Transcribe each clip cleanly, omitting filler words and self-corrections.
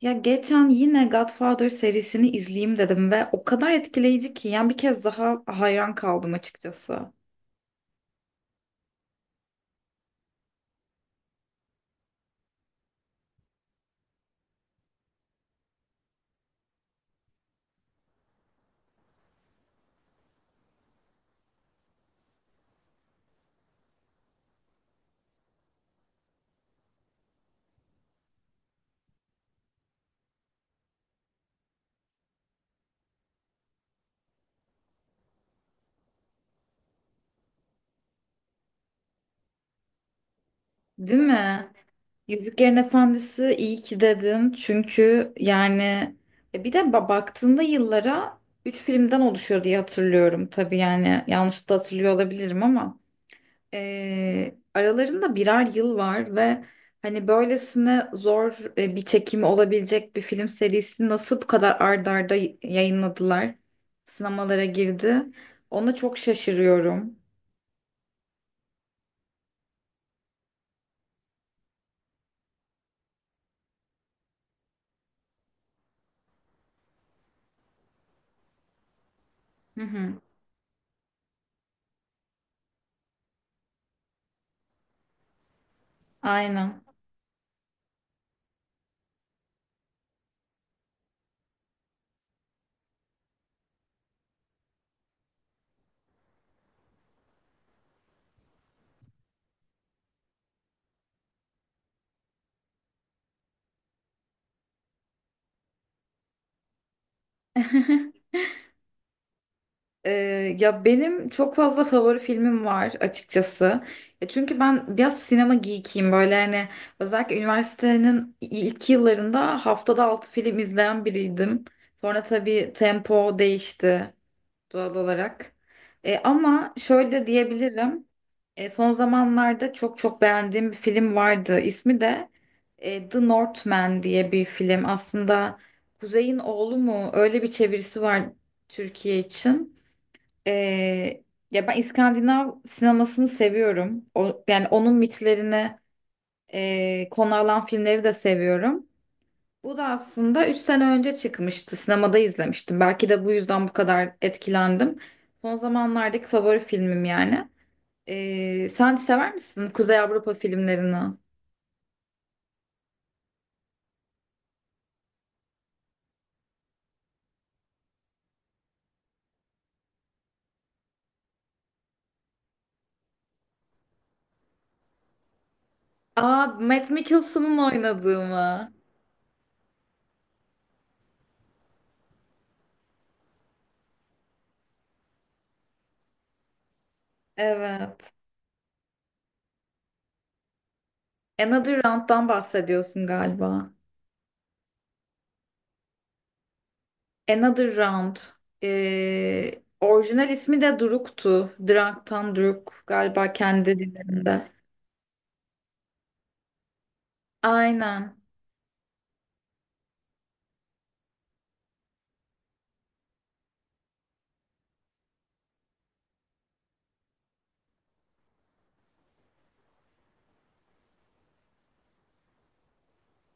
Ya geçen yine Godfather serisini izleyeyim dedim ve o kadar etkileyici ki yani bir kez daha hayran kaldım açıkçası. Değil mi? Yüzüklerin Efendisi iyi ki dedin çünkü yani bir de baktığında yıllara 3 filmden oluşuyor diye hatırlıyorum. Tabii yani yanlış da hatırlıyor olabilirim ama aralarında birer yıl var ve hani böylesine zor bir çekimi olabilecek bir film serisini nasıl bu kadar ard arda yayınladılar? Sinemalara girdi. Ona çok şaşırıyorum. Hı hı, aynen. Ee, ya benim çok fazla favori filmim var açıkçası. Ya çünkü ben biraz sinema geekiyim, böyle hani özellikle üniversitenin ilk yıllarında haftada 6 film izleyen biriydim. Sonra tabii tempo değişti doğal olarak. Ama şöyle diyebilirim. Son zamanlarda çok çok beğendiğim bir film vardı. İsmi de The Northman diye bir film. Aslında Kuzey'in Oğlu mu? Öyle bir çevirisi var Türkiye için. Ee, ya ben İskandinav sinemasını seviyorum. O, yani onun mitlerine konu alan filmleri de seviyorum. Bu da aslında 3 sene önce çıkmıştı. Sinemada izlemiştim. Belki de bu yüzden bu kadar etkilendim. Son zamanlardaki favori filmim yani. Sen sever misin Kuzey Avrupa filmlerini? Aa, Matt Mikkelsen'ın oynadığı mı? Evet. Another Round'dan bahsediyorsun galiba. Another Round. Orijinal ismi de Druk'tu. Drunk'tan Druk galiba kendi dillerinde. Aynen.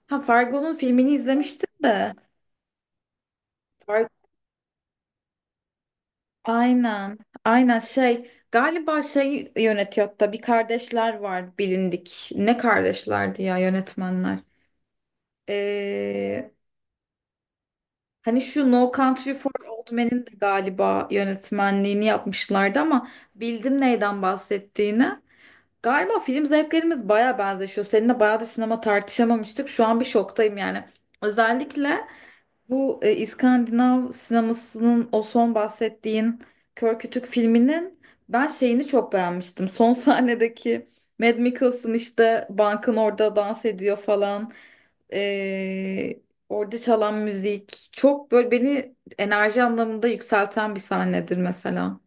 Ha, Fargo'nun filmini izlemiştim de. Fargo. Aynen. Aynen şey, galiba şey yönetiyor, hatta bir kardeşler var bilindik. Ne kardeşlerdi ya yönetmenler. Ee, hani şu No Country for Old Men'in de galiba yönetmenliğini yapmışlardı ama bildim neyden bahsettiğini. Galiba film zevklerimiz baya benzeşiyor. Seninle bayağı da sinema tartışamamıştık. Şu an bir şoktayım yani. Özellikle bu İskandinav sinemasının o son bahsettiğin Kör Kütük filminin ben şeyini çok beğenmiştim. Son sahnedeki Mad Mikkelsen işte bankın orada dans ediyor falan. E, orada çalan müzik. Çok böyle beni enerji anlamında yükselten bir sahnedir mesela.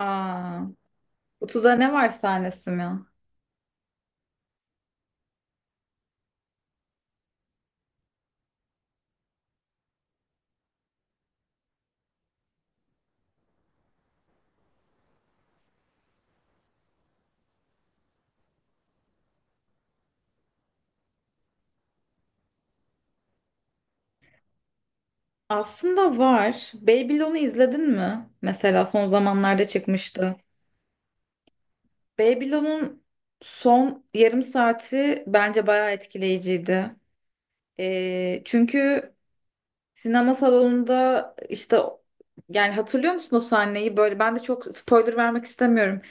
Aa, kutuda ne var sahnesi mi? Aslında var. Babylon'u izledin mi? Mesela son zamanlarda çıkmıştı. Babylon'un son yarım saati bence bayağı etkileyiciydi. Çünkü sinema salonunda işte, yani hatırlıyor musun o sahneyi? Böyle ben de çok spoiler vermek istemiyorum.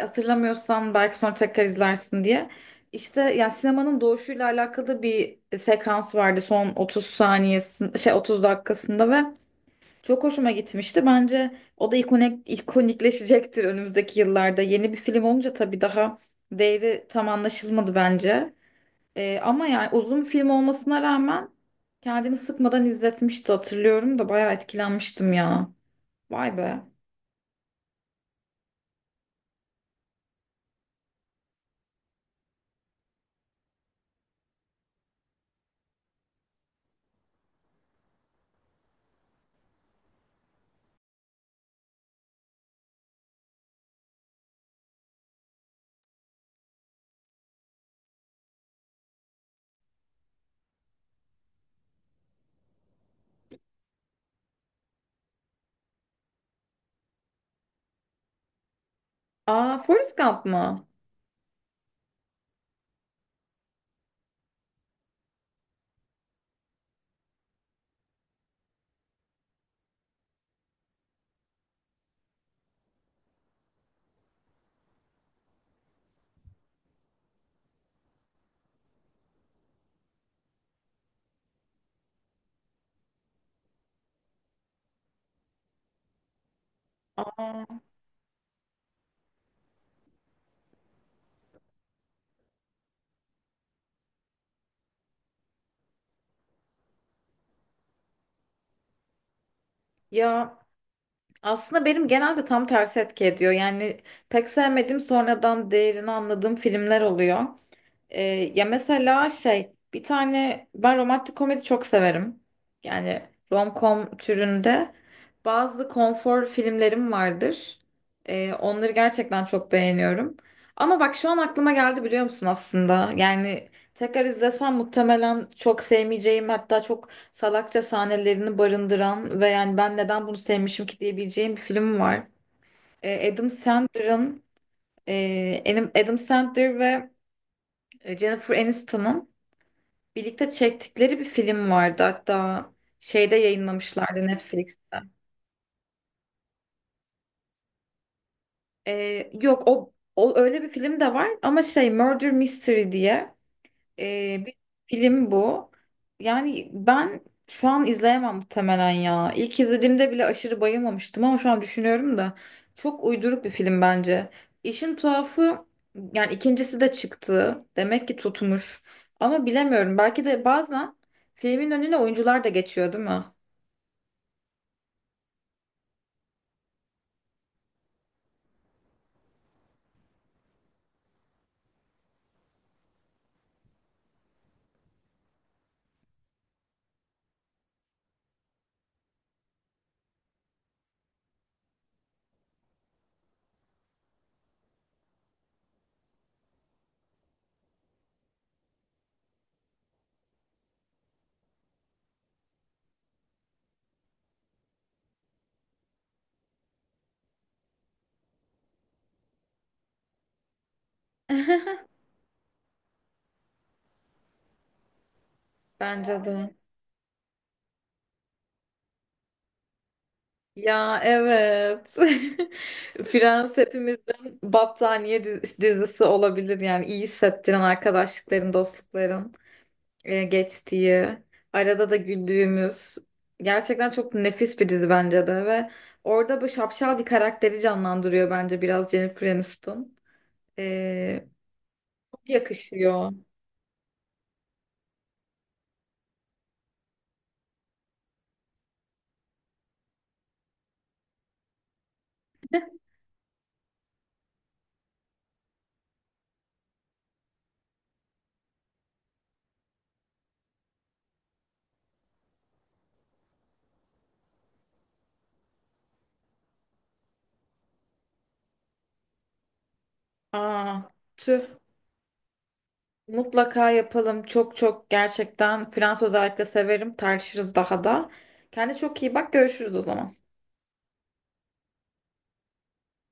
Hatırlamıyorsan belki sonra tekrar izlersin diye. İşte yani sinemanın doğuşuyla alakalı bir sekans vardı son 30 saniyesinde, şey, 30 dakikasında ve çok hoşuma gitmişti. Bence o da ikonikleşecektir önümüzdeki yıllarda. Yeni bir film olunca tabii daha değeri tam anlaşılmadı bence. Ama yani uzun film olmasına rağmen kendini sıkmadan izletmişti, hatırlıyorum da bayağı etkilenmiştim ya. Vay be. Aa, Forrest Gump mı? Aa, ya aslında benim genelde tam tersi etki ediyor. Yani pek sevmediğim, sonradan değerini anladığım filmler oluyor. Ee, ya mesela şey, bir tane, ben romantik komedi çok severim. Yani rom-com türünde bazı konfor filmlerim vardır. Onları gerçekten çok beğeniyorum. Ama bak şu an aklıma geldi, biliyor musun aslında? Yani tekrar izlesem muhtemelen çok sevmeyeceğim, hatta çok salakça sahnelerini barındıran ve yani ben neden bunu sevmişim ki diyebileceğim bir film var. Adam Sandler'ın, Adam Sandler ve Jennifer Aniston'ın birlikte çektikleri bir film vardı. Hatta şeyde yayınlamışlardı, Netflix'te. Yok, o öyle bir film de var ama şey, Murder Mystery diye bir film bu. Yani ben şu an izleyemem muhtemelen ya. İlk izlediğimde bile aşırı bayılmamıştım ama şu an düşünüyorum da çok uyduruk bir film bence. İşin tuhafı, yani ikincisi de çıktı. Demek ki tutmuş. Ama bilemiyorum. Belki de bazen filmin önüne oyuncular da geçiyor, değil mi? Bence de. Ya evet. Friends hepimizin battaniye dizisi olabilir, yani iyi hissettiren arkadaşlıkların, dostlukların geçtiği, arada da güldüğümüz, gerçekten çok nefis bir dizi bence de ve orada böyle şapşal bir karakteri canlandırıyor bence biraz Jennifer Aniston. E, çok yakışıyor. Aa, tüh. Mutlaka yapalım. Çok çok gerçekten Fransız özellikle severim. Tartışırız daha da. Kendine çok iyi bak. Görüşürüz o zaman.